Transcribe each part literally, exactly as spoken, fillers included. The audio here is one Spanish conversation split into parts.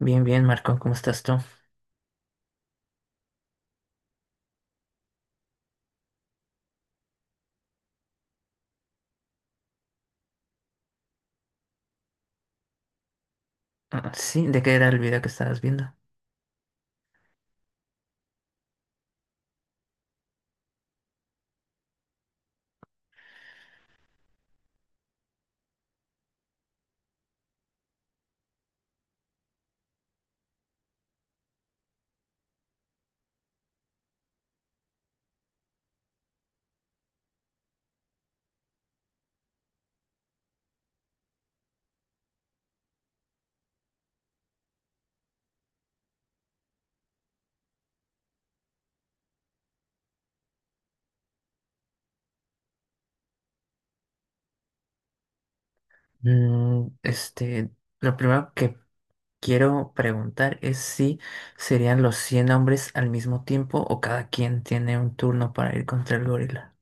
Bien, bien, Marco, ¿cómo estás tú? Ah, sí, ¿de qué era el video que estabas viendo? Mm, este, lo primero que quiero preguntar es si serían los cien hombres al mismo tiempo o cada quien tiene un turno para ir contra el gorila.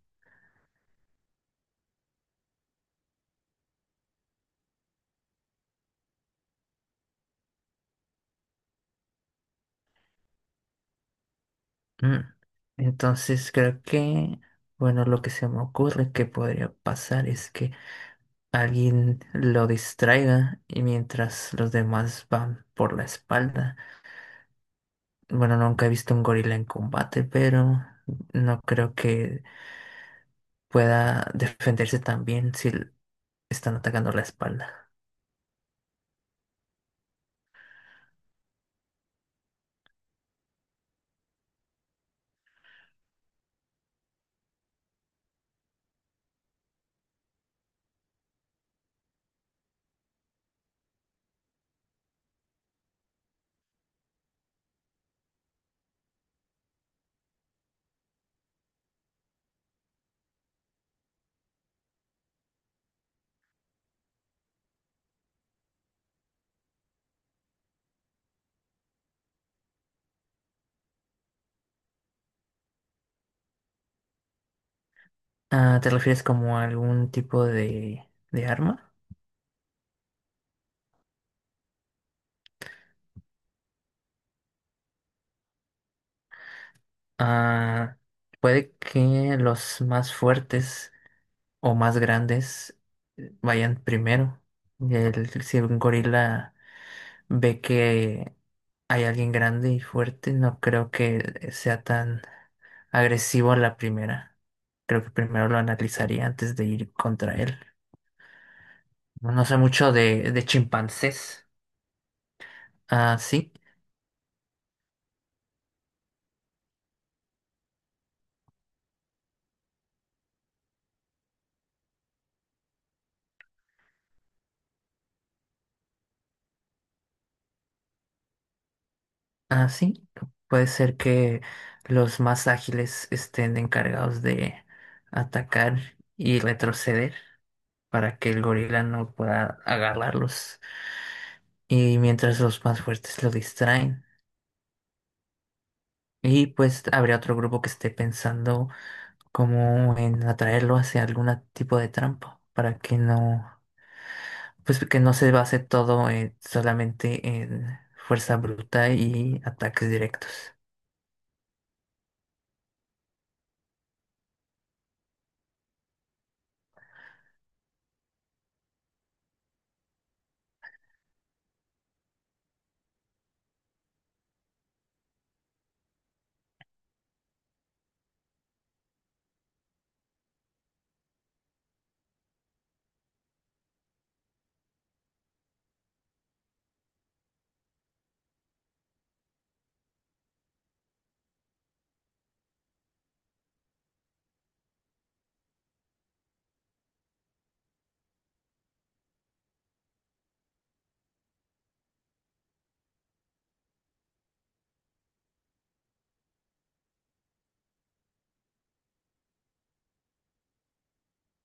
Mm, Entonces creo que, bueno, lo que se me ocurre que podría pasar es que alguien lo distraiga y mientras los demás van por la espalda. Bueno, nunca he visto un gorila en combate, pero no creo que pueda defenderse tan bien si l- están atacando la espalda. Ah, ¿te refieres como a algún tipo de, de arma? Ah, puede que los más fuertes o más grandes eh, vayan primero. El- si un gorila ve que hay alguien grande y fuerte, no creo que sea tan agresivo a la primera. Creo que primero lo analizaría antes de ir contra él. No no sé mucho de, de chimpancés. Ah, sí, ah, sí. Puede ser que los más ágiles estén encargados de atacar y retroceder para que el gorila no pueda agarrarlos. Y mientras los más fuertes lo distraen. Y pues habría otro grupo que esté pensando, como en atraerlo hacia algún tipo de trampa para que no, pues que no se base todo eh, solamente en fuerza bruta y ataques directos.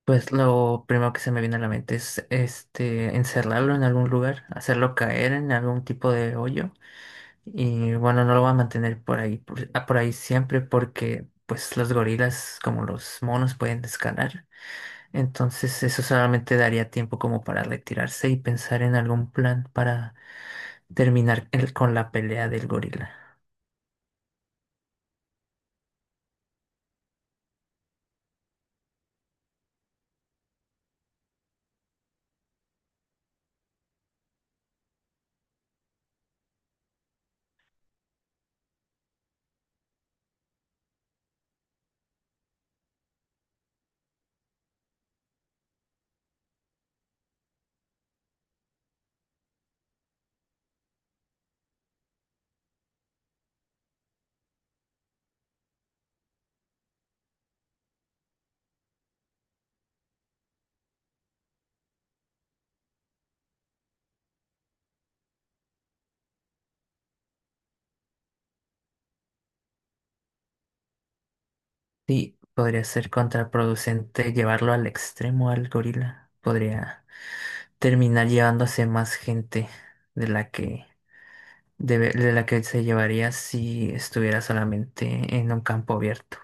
Pues lo primero que se me viene a la mente es este encerrarlo en algún lugar, hacerlo caer en algún tipo de hoyo y bueno, no lo va a mantener por ahí por, ah, por ahí siempre porque pues los gorilas como los monos pueden escalar. Entonces eso solamente daría tiempo como para retirarse y pensar en algún plan para terminar el- con la pelea del gorila. Sí, podría ser contraproducente llevarlo al extremo al gorila. Podría terminar llevándose más gente de la que debe- de la que se llevaría si estuviera solamente en un campo abierto.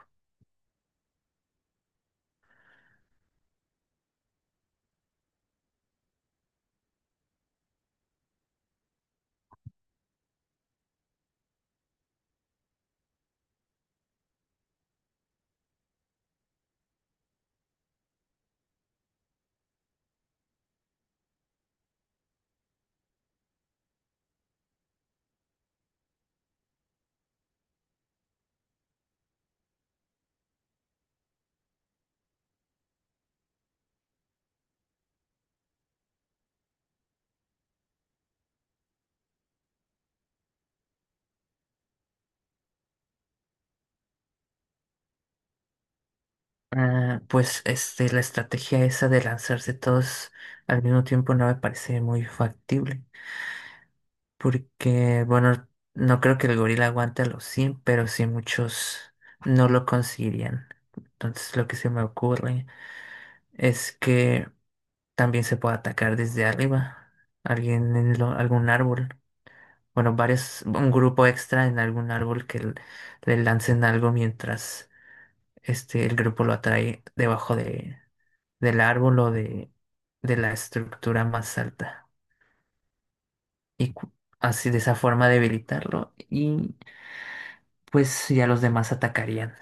Ah, pues este, la estrategia esa de lanzarse todos al mismo tiempo no me parece muy factible. Porque, bueno, no creo que el gorila aguante a los cien, pero sí muchos no lo conseguirían. Entonces lo que se me ocurre es que también se puede atacar desde arriba. Alguien en lo- algún árbol. Bueno, varios, un grupo extra en algún árbol que l- le lancen algo mientras este, el grupo lo atrae debajo de, del árbol o de, de la estructura más alta. Y cu- Así de esa forma debilitarlo, pues ya los demás atacarían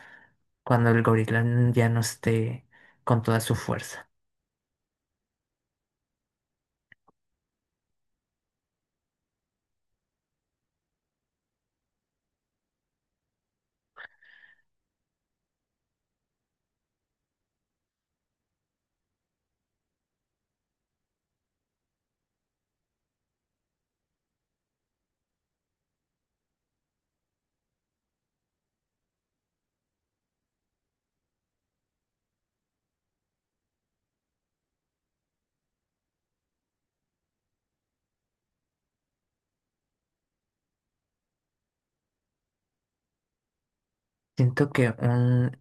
cuando el gorila ya no esté con toda su fuerza. Siento que un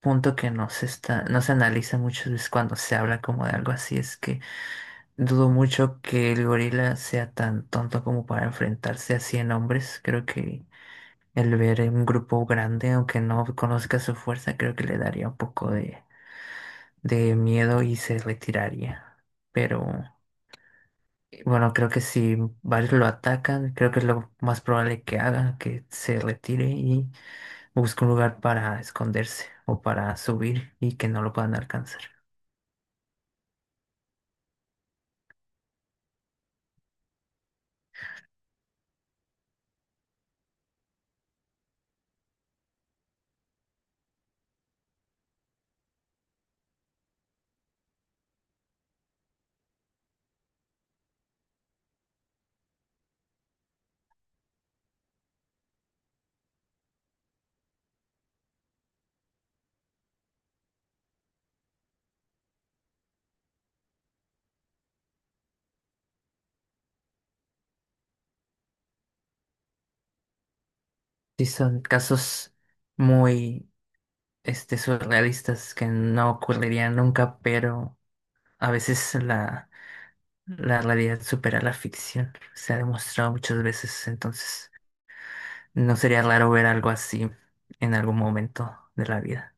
punto que no se está, no se analiza muchas veces cuando se habla como de algo así, es que dudo mucho que el gorila sea tan tonto como para enfrentarse a cien hombres. Creo que el ver un grupo grande, aunque no conozca su fuerza, creo que le daría un poco de, de miedo y se retiraría. Pero bueno, creo que si varios lo atacan, creo que es lo más probable que haga, que se retire y busque un lugar para esconderse o para subir y que no lo puedan alcanzar. Sí, son casos muy este, surrealistas, que no ocurrirían nunca, pero a veces la, la realidad supera la ficción. Se ha demostrado muchas veces, entonces no sería raro ver algo así en algún momento de la vida.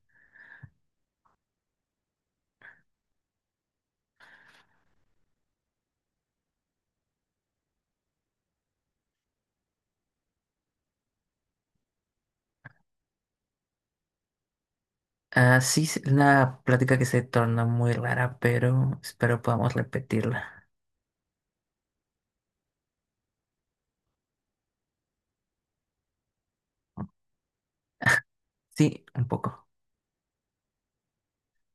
Ah, sí, es una plática que se torna muy rara, pero espero podamos repetirla. Sí, un poco.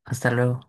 Hasta luego.